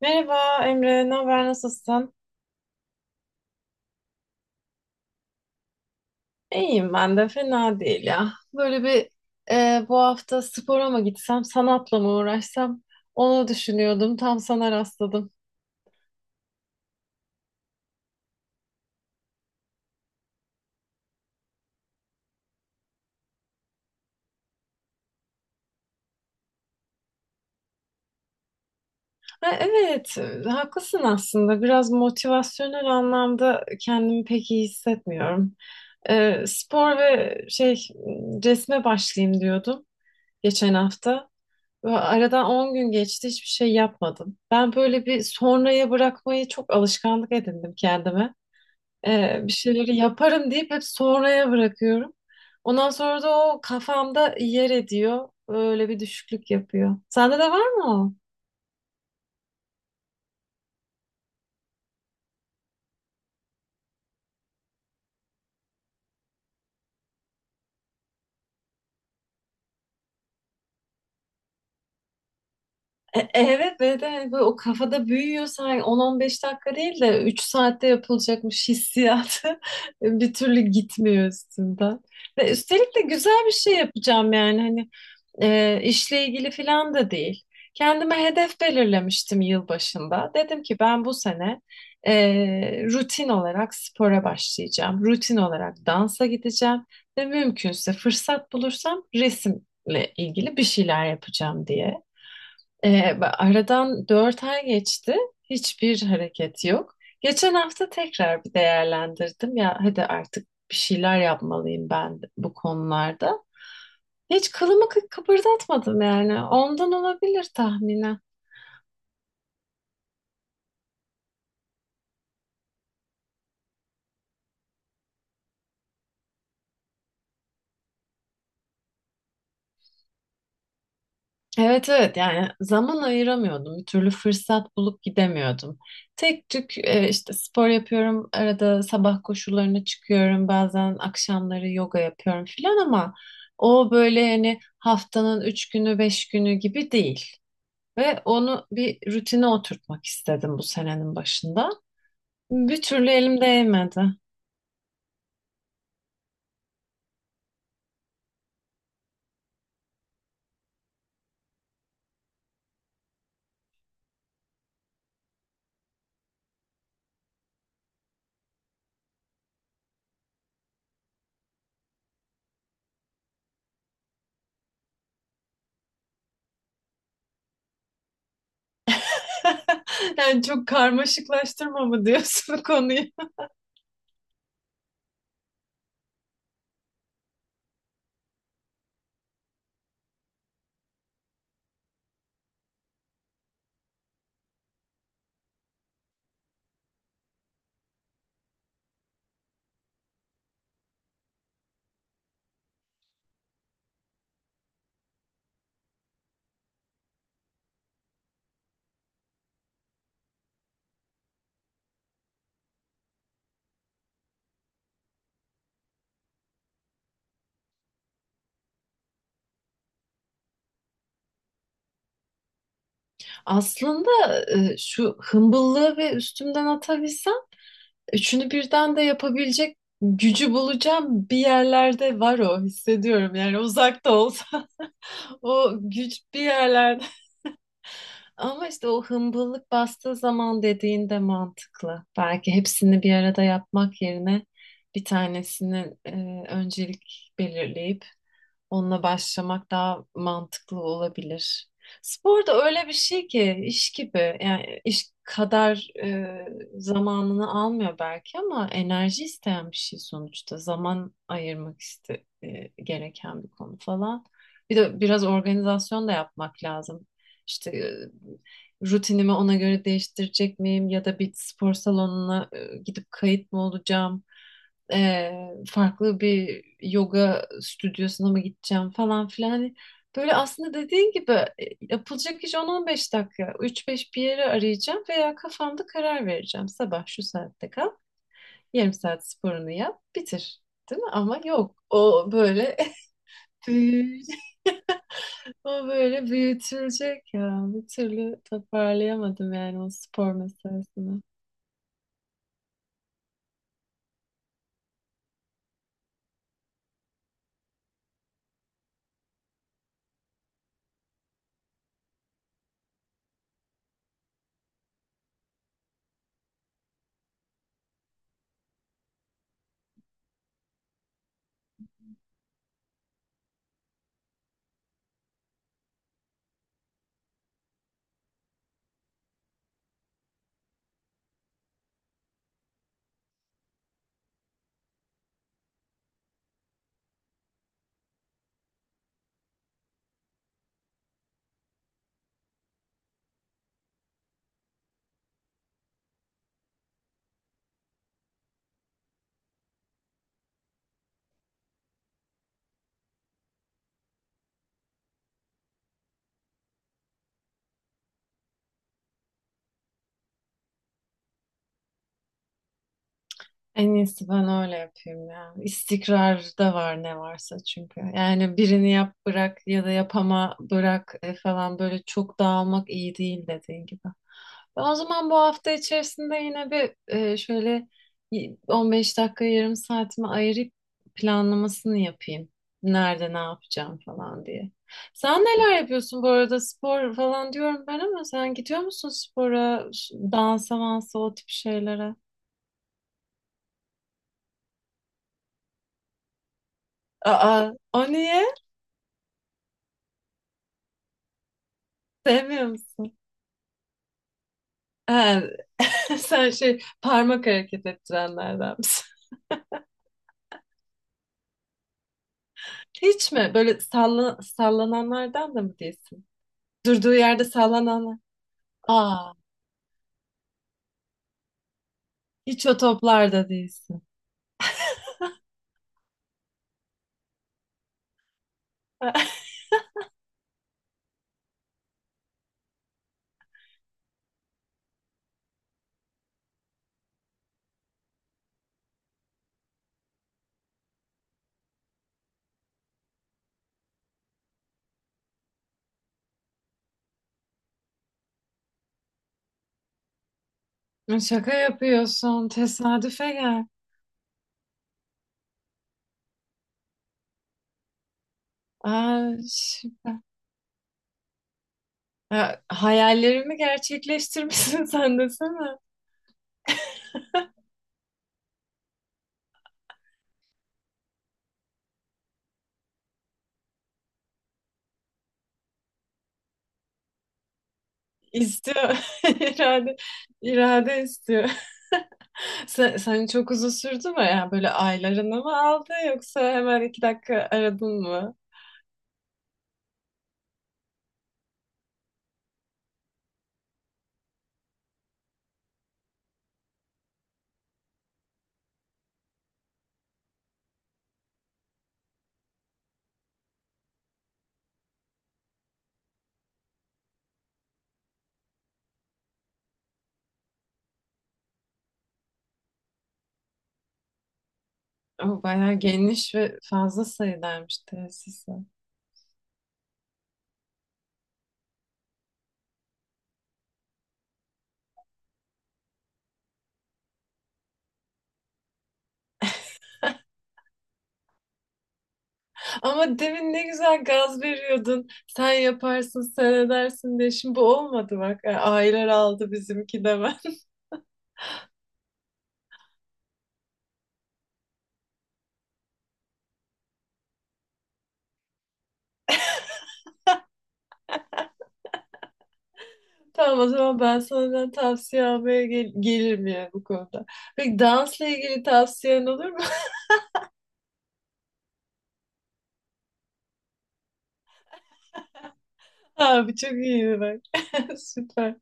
Merhaba Emre, ne haber, nasılsın? İyiyim ben de, fena değil ya. Böyle bir bu hafta spora mı gitsem, sanatla mı uğraşsam onu düşünüyordum, tam sana rastladım. Ha, evet, haklısın aslında. Biraz motivasyonel anlamda kendimi pek iyi hissetmiyorum. Spor ve şey resme başlayayım diyordum geçen hafta. Ve aradan 10 gün geçti, hiçbir şey yapmadım. Ben böyle bir sonraya bırakmayı çok alışkanlık edindim kendime. Bir şeyleri yaparım deyip hep sonraya bırakıyorum. Ondan sonra da o kafamda yer ediyor. Öyle bir düşüklük yapıyor. Sende de var mı o? Evet ve de hani böyle o kafada büyüyor sanki 10-15 dakika değil de 3 saatte yapılacakmış hissiyatı bir türlü gitmiyor üstünden. Ve üstelik de güzel bir şey yapacağım yani hani işle ilgili filan da değil. Kendime hedef belirlemiştim yılbaşında. Dedim ki ben bu sene e, rutin olarak spora başlayacağım. Rutin olarak dansa gideceğim ve mümkünse fırsat bulursam resimle ilgili bir şeyler yapacağım diye. E, aradan 4 ay geçti. Hiçbir hareket yok. Geçen hafta tekrar bir değerlendirdim ya hadi artık bir şeyler yapmalıyım ben bu konularda. Hiç kılımı kıpırdatmadım yani. Ondan olabilir tahminen. Evet evet yani zaman ayıramıyordum. Bir türlü fırsat bulup gidemiyordum. Tek tük işte spor yapıyorum. Arada sabah koşularına çıkıyorum. Bazen akşamları yoga yapıyorum filan ama o böyle yani haftanın üç günü beş günü gibi değil. Ve onu bir rutine oturtmak istedim bu senenin başında. Bir türlü elim değmedi. Yani çok karmaşıklaştırma mı diyorsun konuyu? Aslında şu hımbıllığı ve üstümden atabilsem üçünü birden de yapabilecek gücü bulacağım bir yerlerde var o hissediyorum yani uzak da olsa o güç bir yerlerde ama işte o hımbıllık bastığı zaman dediğin de mantıklı belki hepsini bir arada yapmak yerine bir tanesini öncelik belirleyip onunla başlamak daha mantıklı olabilir. Spor da öyle bir şey ki iş gibi yani iş kadar zamanını almıyor belki ama enerji isteyen bir şey sonuçta zaman ayırmak gereken bir konu falan. Bir de biraz organizasyon da yapmak lazım. İşte rutinimi ona göre değiştirecek miyim ya da bir spor salonuna gidip kayıt mı olacağım? e, farklı bir yoga stüdyosuna mı gideceğim falan filan. Hani böyle aslında dediğin gibi yapılacak iş 10-15 dakika. Üç beş bir yere arayacağım veya kafamda karar vereceğim. Sabah şu saatte kal, yarım saat sporunu yap, bitir. Değil mi? Ama yok. O böyle büyü- o böyle büyütülecek ya. Bir türlü toparlayamadım yani o spor meselesini. En iyisi ben öyle yapayım ya. İstikrarda var ne varsa çünkü. Yani birini yap bırak ya da yapama bırak falan böyle çok dağılmak iyi değil dediğin gibi. Ben o zaman bu hafta içerisinde yine bir şöyle 15 dakika yarım saatimi ayırıp planlamasını yapayım. Nerede ne yapacağım falan diye. Sen neler yapıyorsun bu arada spor falan diyorum ben ama sen gidiyor musun spora, dansa mansa o tip şeylere? Aa, o niye? Sevmiyor musun? Ha, sen şey parmak hareket ettirenlerden misin? Hiç mi? Böyle salla, sallananlardan da mı değilsin? Durduğu yerde sallananlar. Aa, hiç o toplarda değilsin. Şaka yapıyorsun. Tesadüfe gel. Aa, ha, hayallerimi gerçekleştirmişsin sen desene. İstiyor. İrade, irade istiyor. Sen çok uzun sürdü mü? Yani böyle aylarını mı aldı yoksa hemen 2 dakika aradın mı? O bayağı geniş ve fazla sayılarmış tesisi. Ama demin ne güzel gaz veriyordun. Sen yaparsın, sen edersin diye. Şimdi bu olmadı bak. Yani aylar aldı bizimki de ben. Tamam o zaman ben senden tavsiye almaya gelirim yani bu konuda. Peki dansla ilgili tavsiyen olur mu? Abi çok iyiydi bak. Süper.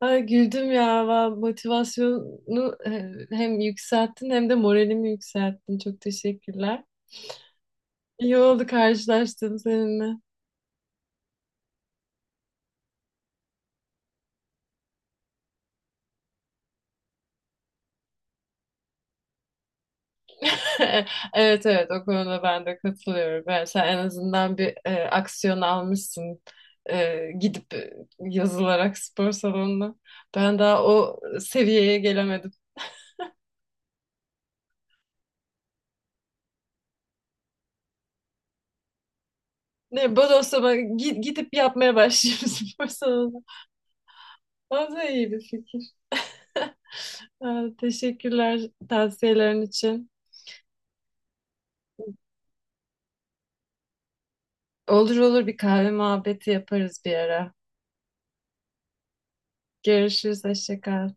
Ay, güldüm ya. Motivasyonu hem yükselttin hem de moralimi yükselttin. Çok teşekkürler. İyi oldu karşılaştığım seninle. Evet evet o konuda ben de katılıyorum. Yani sen en azından bir aksiyon almışsın. Gidip yazılarak spor salonuna. Ben daha o seviyeye gelemedim. Ne, bodoslama gidip yapmaya başlayayım spor salonuna. O da iyi bir fikir. Teşekkürler tavsiyelerin için. Olur olur bir kahve muhabbeti yaparız bir ara. Görüşürüz, hoşça kal.